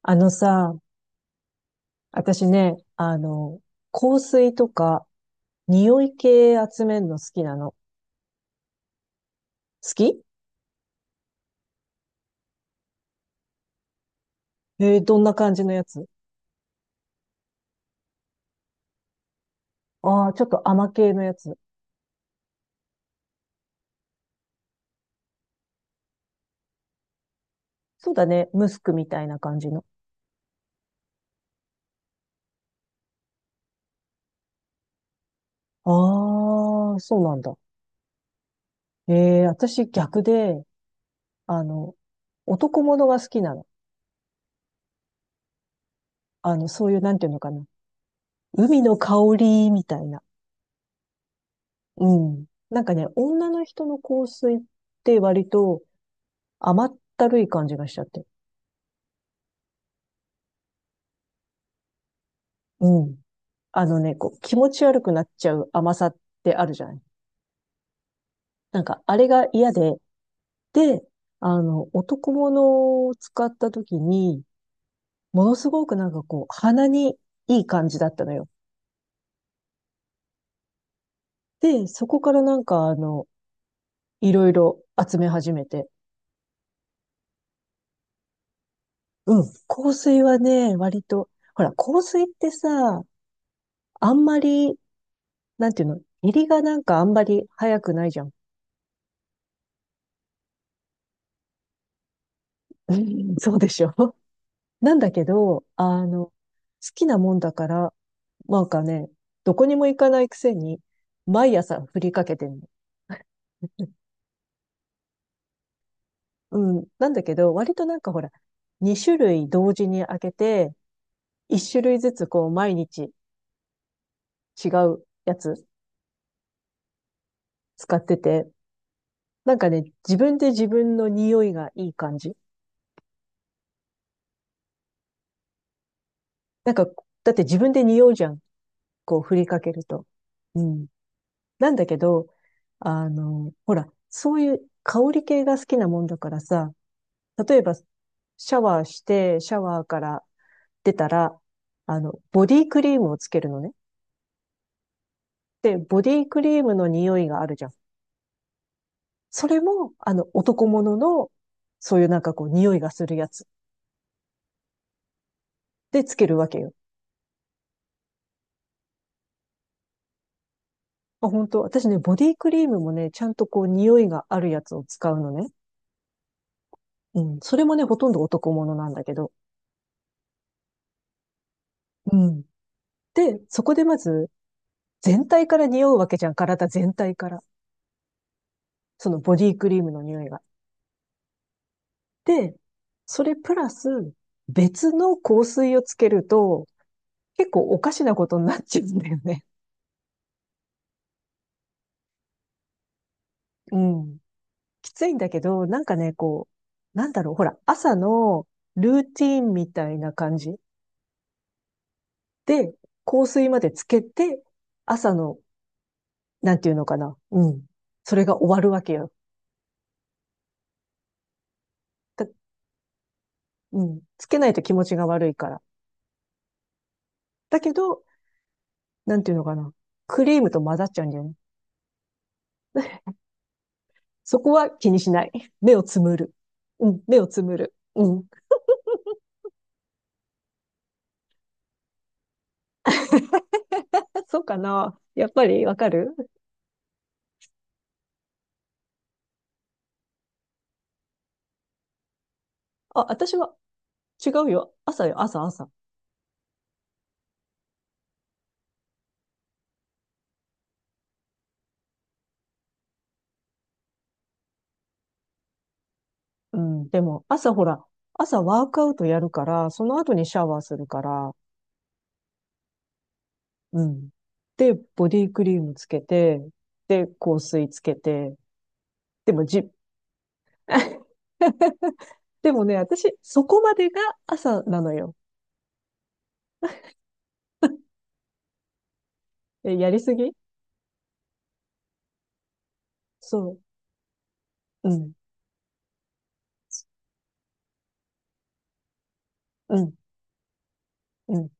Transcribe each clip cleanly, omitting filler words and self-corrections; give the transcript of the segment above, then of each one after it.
あのさ、私ね、香水とか、匂い系集めるの好きなの。好き、えーどんな感じのやつ？ああー、ちょっと甘系のやつ。そうだね、ムスクみたいな感じの。ああ、そうなんだ。えー、私逆で、あの、男物が好きなの。そういう、なんていうのかな。海の香りみたいな。うん。なんかね、女の人の香水って割と甘ったるい感じがしちゃって。うん。あのね、こう、気持ち悪くなっちゃう甘さってあるじゃない？なんか、あれが嫌で、で、男物を使った時に、ものすごくなんかこう、鼻にいい感じだったのよ。で、そこからなんかいろいろ集め始めて。うん。香水はね、割と、ほら、香水ってさ、あんまり、なんていうの、入りがなんかあんまり早くないじゃん。うんそうでしょ？ なんだけど、好きなもんだから、なんかね、どこにも行かないくせに、毎朝振りかけてるの。うん。なんだけど、割となんかほら、2種類同時に開けて、1種類ずつこう毎日違うやつ使ってて、なんかね、自分で自分の匂いがいい感じ。なんか、だって自分で匂うじゃん。こう振りかけると。うん。なんだけど、ほら、そういう香り系が好きなもんだからさ、例えば、シャワーして、シャワーからってたら、ボディクリームをつけるのね。で、ボディクリームの匂いがあるじゃん。それも、男物の、そういうなんかこう、匂いがするやつでつけるわけよ。あ、本当私ね、ボディクリームもね、ちゃんとこう、匂いがあるやつを使うのね。うん。それもね、ほとんど男物なんだけど。うん。で、そこでまず、全体から匂うわけじゃん。体全体から。そのボディクリームの匂いが。で、それプラス、別の香水をつけると、結構おかしなことになっちゃうんだよね。うん。きついんだけど、なんかね、こう、なんだろう、ほら、朝のルーティーンみたいな感じで、香水までつけて、朝の、なんていうのかな、うん。それが終わるわけよ。だ、うん。つけないと気持ちが悪いから。だけど、なんていうのかな、クリームと混ざっちゃうんだよね。そこは気にしない。目をつむる。うん、目をつむる。うん。そうかな。やっぱりわかる？あ、私は違うよ。朝よ、朝、朝。うん、でも、朝ほら、朝ワークアウトやるから、その後にシャワーするから、うん。で、ボディクリームつけて、で、香水つけて、でもじ、でもね、私、そこまでが朝なのよ。え、やりすぎ？そう。うん、うん、うん。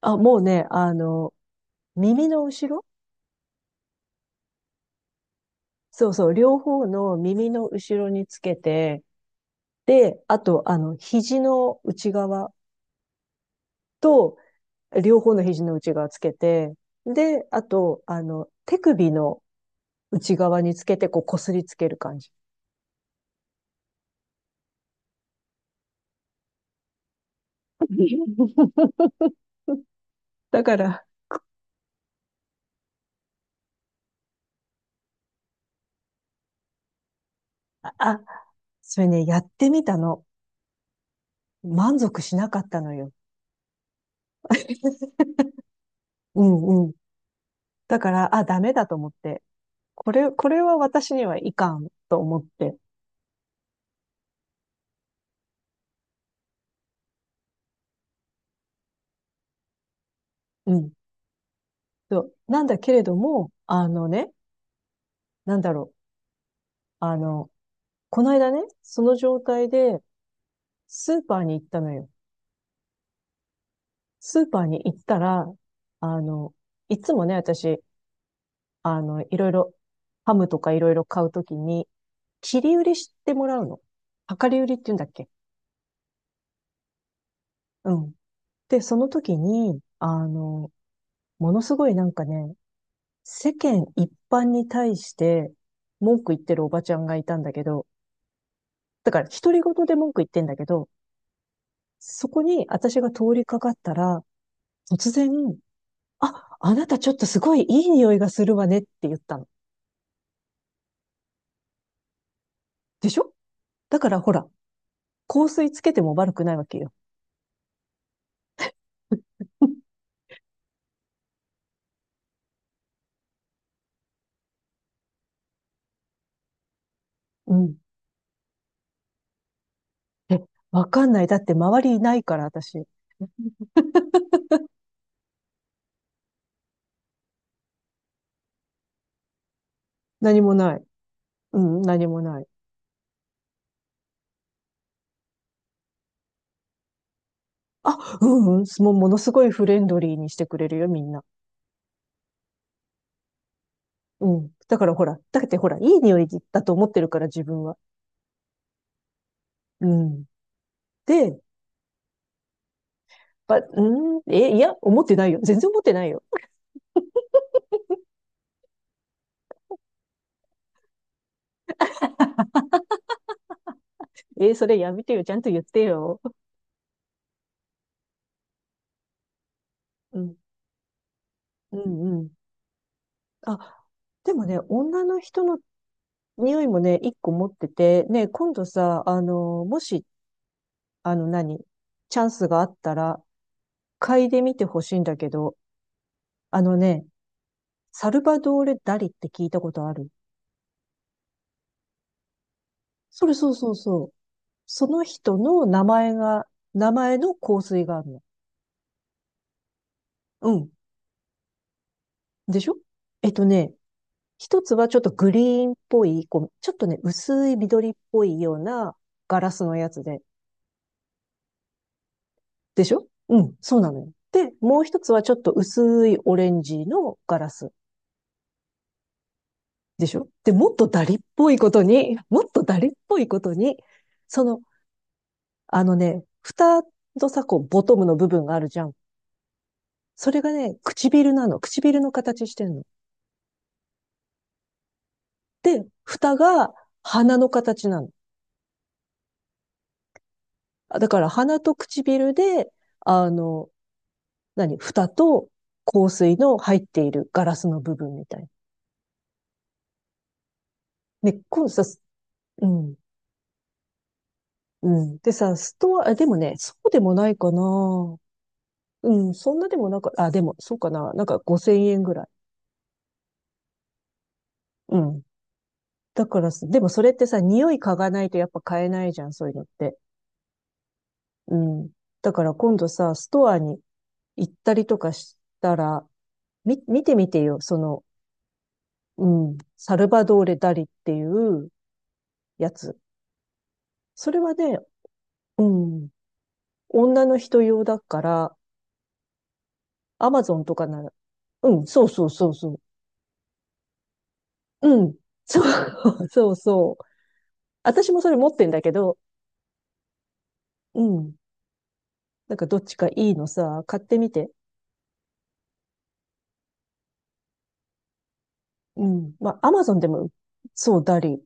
あ、もうね、耳の後ろ。そうそう、両方の耳の後ろにつけて、で、あと、肘の内側と両方の肘の内側つけて、で、あと、手首の内側につけて、こう、こすりつける感じ。だから、あ、それね、やってみたの。満足しなかったのよ。うんうん。だから、あ、ダメだと思って。これは私にはいかんと思って。うん。そうなんだけれども、あのね、なんだろう。あの、この間ね、その状態でスーパーに行ったのよ。スーパーに行ったら、あの、いつもね、私、あの、いろいろ、ハムとかいろいろ買うときに、切り売りしてもらうの。量り売りって言うんだっけ？うん。で、その時に、ものすごいなんかね、世間一般に対して文句言ってるおばちゃんがいたんだけど、だから独り言で文句言ってんだけど、そこに私が通りかかったら、突然、あ、あなたちょっとすごいいい匂いがするわねって言ったの。でしょ？だからほら、香水つけても悪くないわけよ。うん。え、わかんない。だって周りいないから、私。何もない。うん、何もない。あ、うんうん、もうものすごいフレンドリーにしてくれるよ、みんな。うん。だからほら、だってほら、いい匂いだと思ってるから、自分は。うん。で、ば、うん、え、いや、思ってないよ。全然思ってないよ。えーそれやめてよ。ちゃんと言ってよ。うん。うんうん。あ、でもね、女の人の匂いもね、一個持ってて、ね、今度さ、もしあの何、チャンスがあったら、嗅いでみてほしいんだけど、あのね、サルバドーレ・ダリって聞いたことある？それそうそうそう。その人の名前が、名前の香水があるの。うん。でしょ？えっとね、一つはちょっとグリーンっぽい、こう、ちょっとね、薄い緑っぽいようなガラスのやつで。でしょ、うん、そうなのよ。で、もう一つはちょっと薄いオレンジのガラス。でしょ、で、もっとダリっぽいことに、もっとダリっぽいことに、その、あのね、蓋のさ、こう、ボトムの部分があるじゃん。それがね、唇なの。唇の形してんの。で、蓋が鼻の形なの。だから鼻と唇で、あの、何蓋と香水の入っているガラスの部分みたいな。ね、今さ、うん、うん。でさ、ストア、でもね、そうでもないかな。うん、そんなでもなんか、あ、でも、そうかな。なんか50円ぐらい。うん。だからさ、でもそれってさ、匂い嗅がないとやっぱ買えないじゃん、そういうのって。うん。だから今度さ、ストアに行ったりとかしたら、み、見てみてよ、その、うん、サルバドーレ・ダリっていうやつ。それはね、うん、女の人用だから、アマゾンとかなら、うん、そうそうそうそう。うん、そう、そうそう。私もそれ持ってんだけど、うん、なんかどっちかいいのさ、買ってみて。うん。まあ、アマゾンでも、そう、ダリ。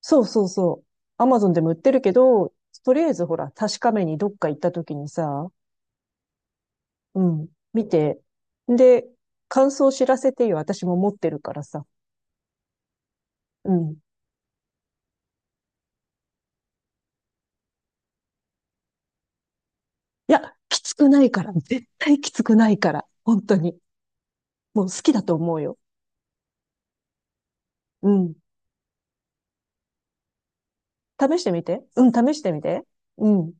そうそうそう。アマゾンでも売ってるけど、とりあえずほら、確かめにどっか行った時にさ、うん、見て。で、感想知らせてよ。私も持ってるからさ。うん。いや、きつくないから。絶対きつくないから。本当に。もう好きだと思うよ。うん。試してみて。うん、試してみて。うん。